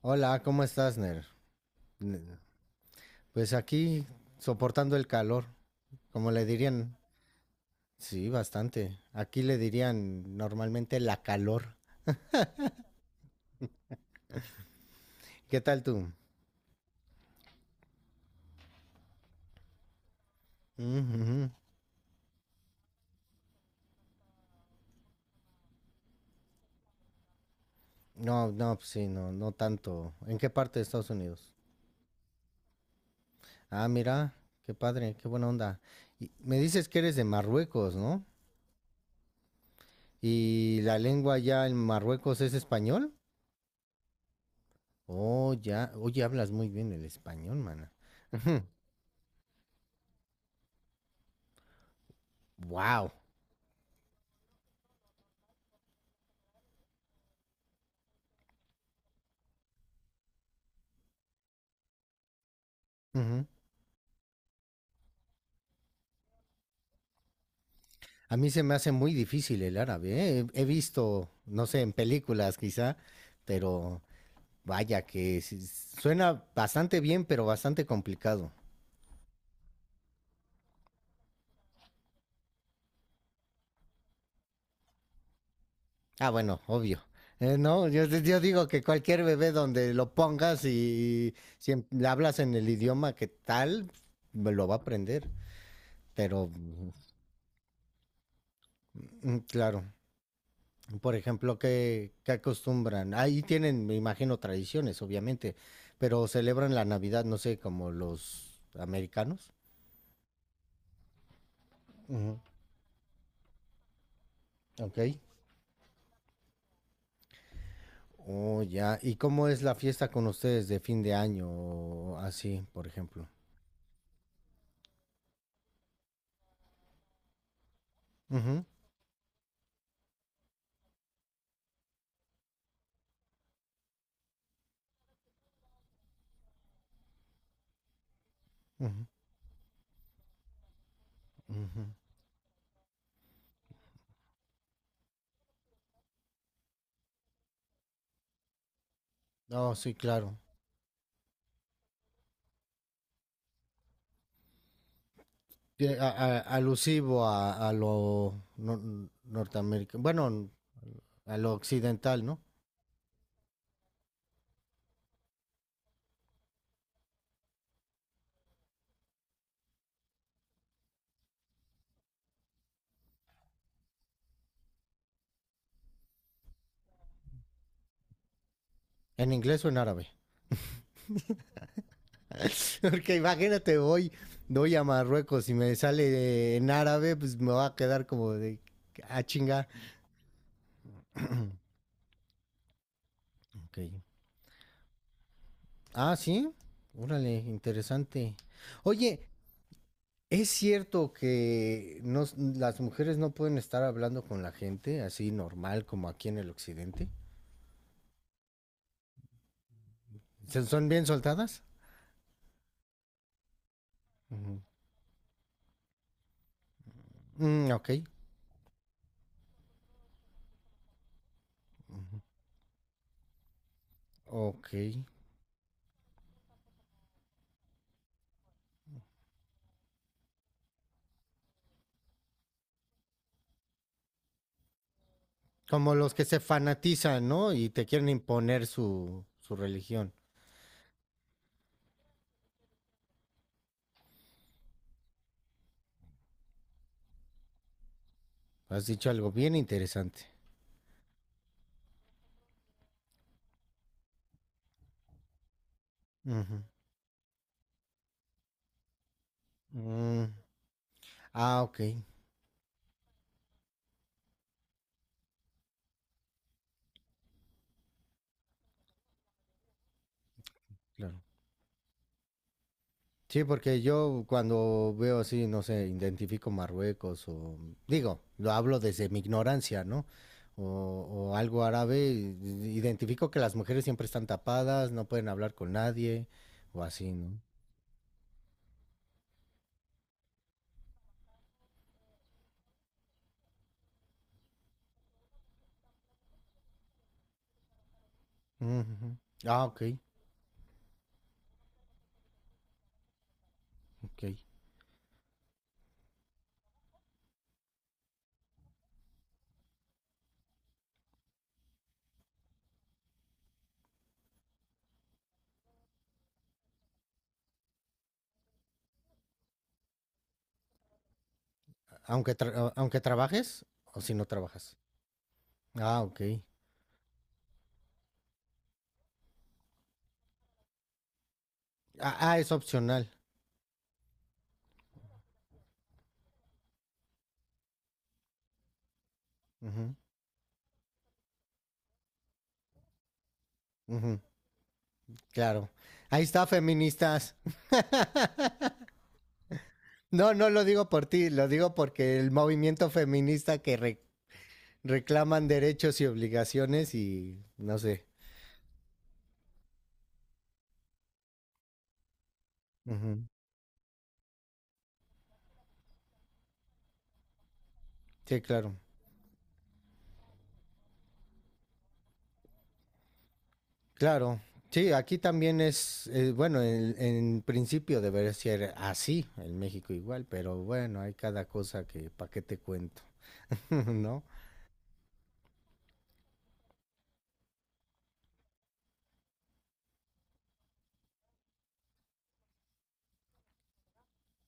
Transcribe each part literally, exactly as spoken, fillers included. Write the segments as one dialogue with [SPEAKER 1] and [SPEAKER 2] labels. [SPEAKER 1] Hola, ¿cómo estás, Ner? Pues aquí soportando el calor, como le dirían, sí, bastante. Aquí le dirían normalmente la calor. ¿Qué tal tú? Mm, ujú. No, no, pues sí, no, no tanto. ¿En qué parte de Estados Unidos? Ah, mira, qué padre, qué buena onda. Y me dices que eres de Marruecos, ¿no? ¿Y la lengua ya en Marruecos es español? Oh, ya, oye, hablas muy bien el español, mana. Wow. A mí se me hace muy difícil el árabe, ¿eh? He he visto, no sé, en películas quizá, pero vaya que sí- suena bastante bien, pero bastante complicado. Ah, bueno, obvio. Eh, no, yo, yo digo que cualquier bebé donde lo pongas y si em- le hablas en el idioma que tal, me lo va a aprender. Pero, mm, claro. Por ejemplo, ¿qué, ¿qué acostumbran? Ahí tienen, me imagino, tradiciones, obviamente, pero celebran la Navidad, no sé, como los americanos. Ujú. Ok. Oh, ya. ¿Y cómo es la fiesta con ustedes de fin de año o así, por ejemplo? Ujú, ujú, ujú. No, sí, claro. Tie- a- a- alusivo a, a lo norteamericano, bueno, a lo occidental, ¿no? ¿En inglés o en árabe? Porque imagínate, voy, voy a Marruecos y me sale en árabe, pues me va a quedar como de a chinga. Okay. Ah, sí. Órale, interesante. Oye, ¿es cierto que no, las mujeres no pueden estar hablando con la gente así normal como aquí en el occidente? ¿Se- ¿Son bien soltadas? Uh -huh. Mm, ok, ok. Como los que se fanatizan, ¿no? Y te quieren imponer su, su religión. Has dicho algo bien interesante. Ujú. Mm, ah, ok, claro. Sí, porque yo cuando veo así, no sé, identifico Marruecos o digo, lo hablo desde mi ignorancia, ¿no? O, o algo árabe, i- identifico que las mujeres siempre están tapadas, no pueden hablar con nadie o así, ¿no? Ujú. Ah, ok, ok. Aunque tra- aunque trabajes o si no trabajas. Ah, ok. Ah, ah, es opcional. Ujú, ujú, claro. Ahí está, feministas. No, no lo digo por ti, lo digo porque el movimiento feminista que re- reclaman derechos y obligaciones y no sé. Ujú. Sí, claro. Claro. Sí, aquí también es, eh, bueno, en, en principio debería ser así, en México igual, pero bueno, hay cada cosa que, ¿para qué te cuento? ¿No?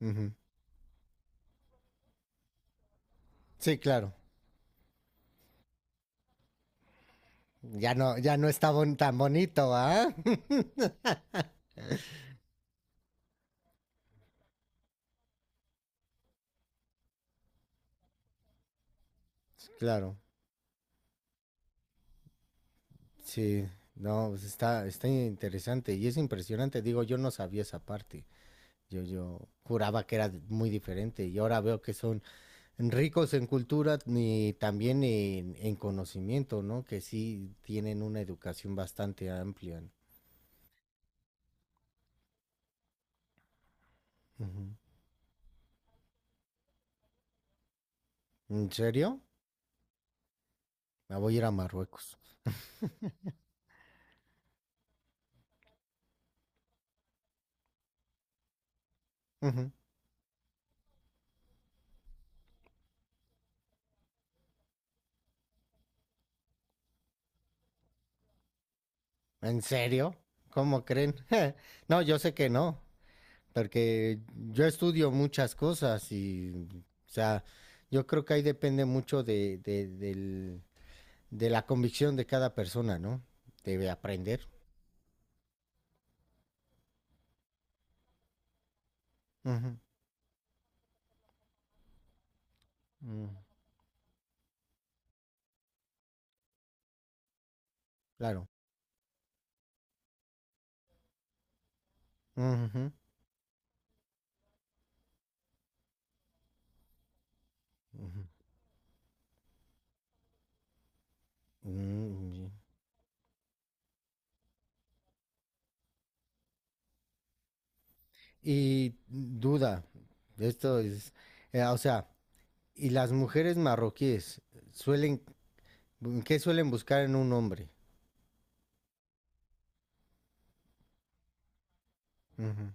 [SPEAKER 1] Ujú. Sí, claro. Ya no, ya no está bon- tan bonito, ¿ah? Claro, sí, no, pues está, está interesante y es impresionante. Digo, yo no sabía esa parte. Yo, yo juraba que era muy diferente y ahora veo que son ricos en cultura y también en, en conocimiento, ¿no? Que sí tienen una educación bastante amplia. Ujú. ¿En serio? Me voy a ir a Marruecos. Ujú. ¿En serio? ¿Cómo creen? No, yo sé que no, porque yo estudio muchas cosas y, o sea, yo creo que ahí depende mucho de, de, del- de la convicción de cada persona, ¿no? Debe aprender. Mm, claro. Ujú, ujú. Mm, y duda, esto es, eh, o sea, y las mujeres marroquíes suelen, ¿qué suelen buscar en un hombre? Ujú.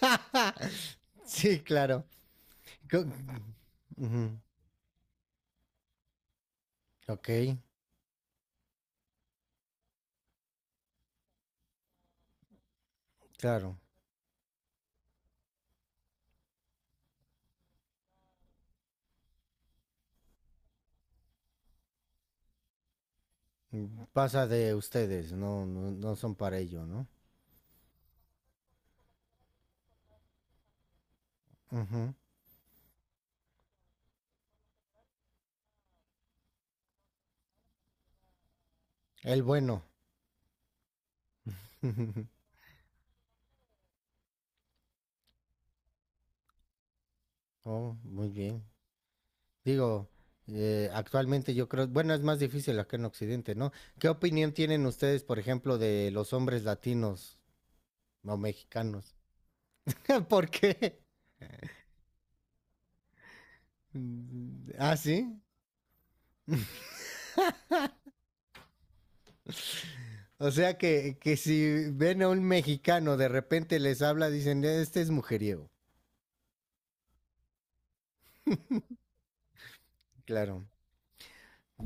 [SPEAKER 1] Sí, claro. Co- Ujú. Ok, claro. Mm, pasa de ustedes, no, no, no son para ello, ¿no? Ujú. El bueno. Oh, muy bien. Digo, eh, actualmente yo creo, bueno, es más difícil acá en Occidente, ¿no? ¿Qué opinión tienen ustedes, por ejemplo, de los hombres latinos o mexicanos? ¿Por qué? Mm, ¿ah, sí? O sea que, que si ven a un mexicano de repente les habla, dicen, este es mujeriego. Claro.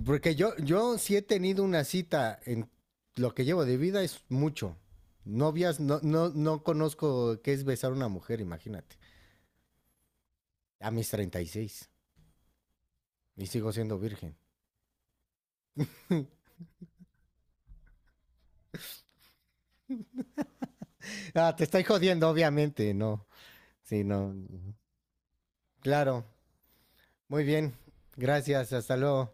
[SPEAKER 1] Porque yo, yo sí he tenido una cita en lo que llevo de vida es mucho. Novias, no, no, no conozco qué es besar a una mujer, imagínate. A mis treinta y seis. Y sigo siendo virgen. Ah, te estoy jodiendo, obviamente, no. Sí, no. Claro. Muy bien. Gracias. Hasta luego.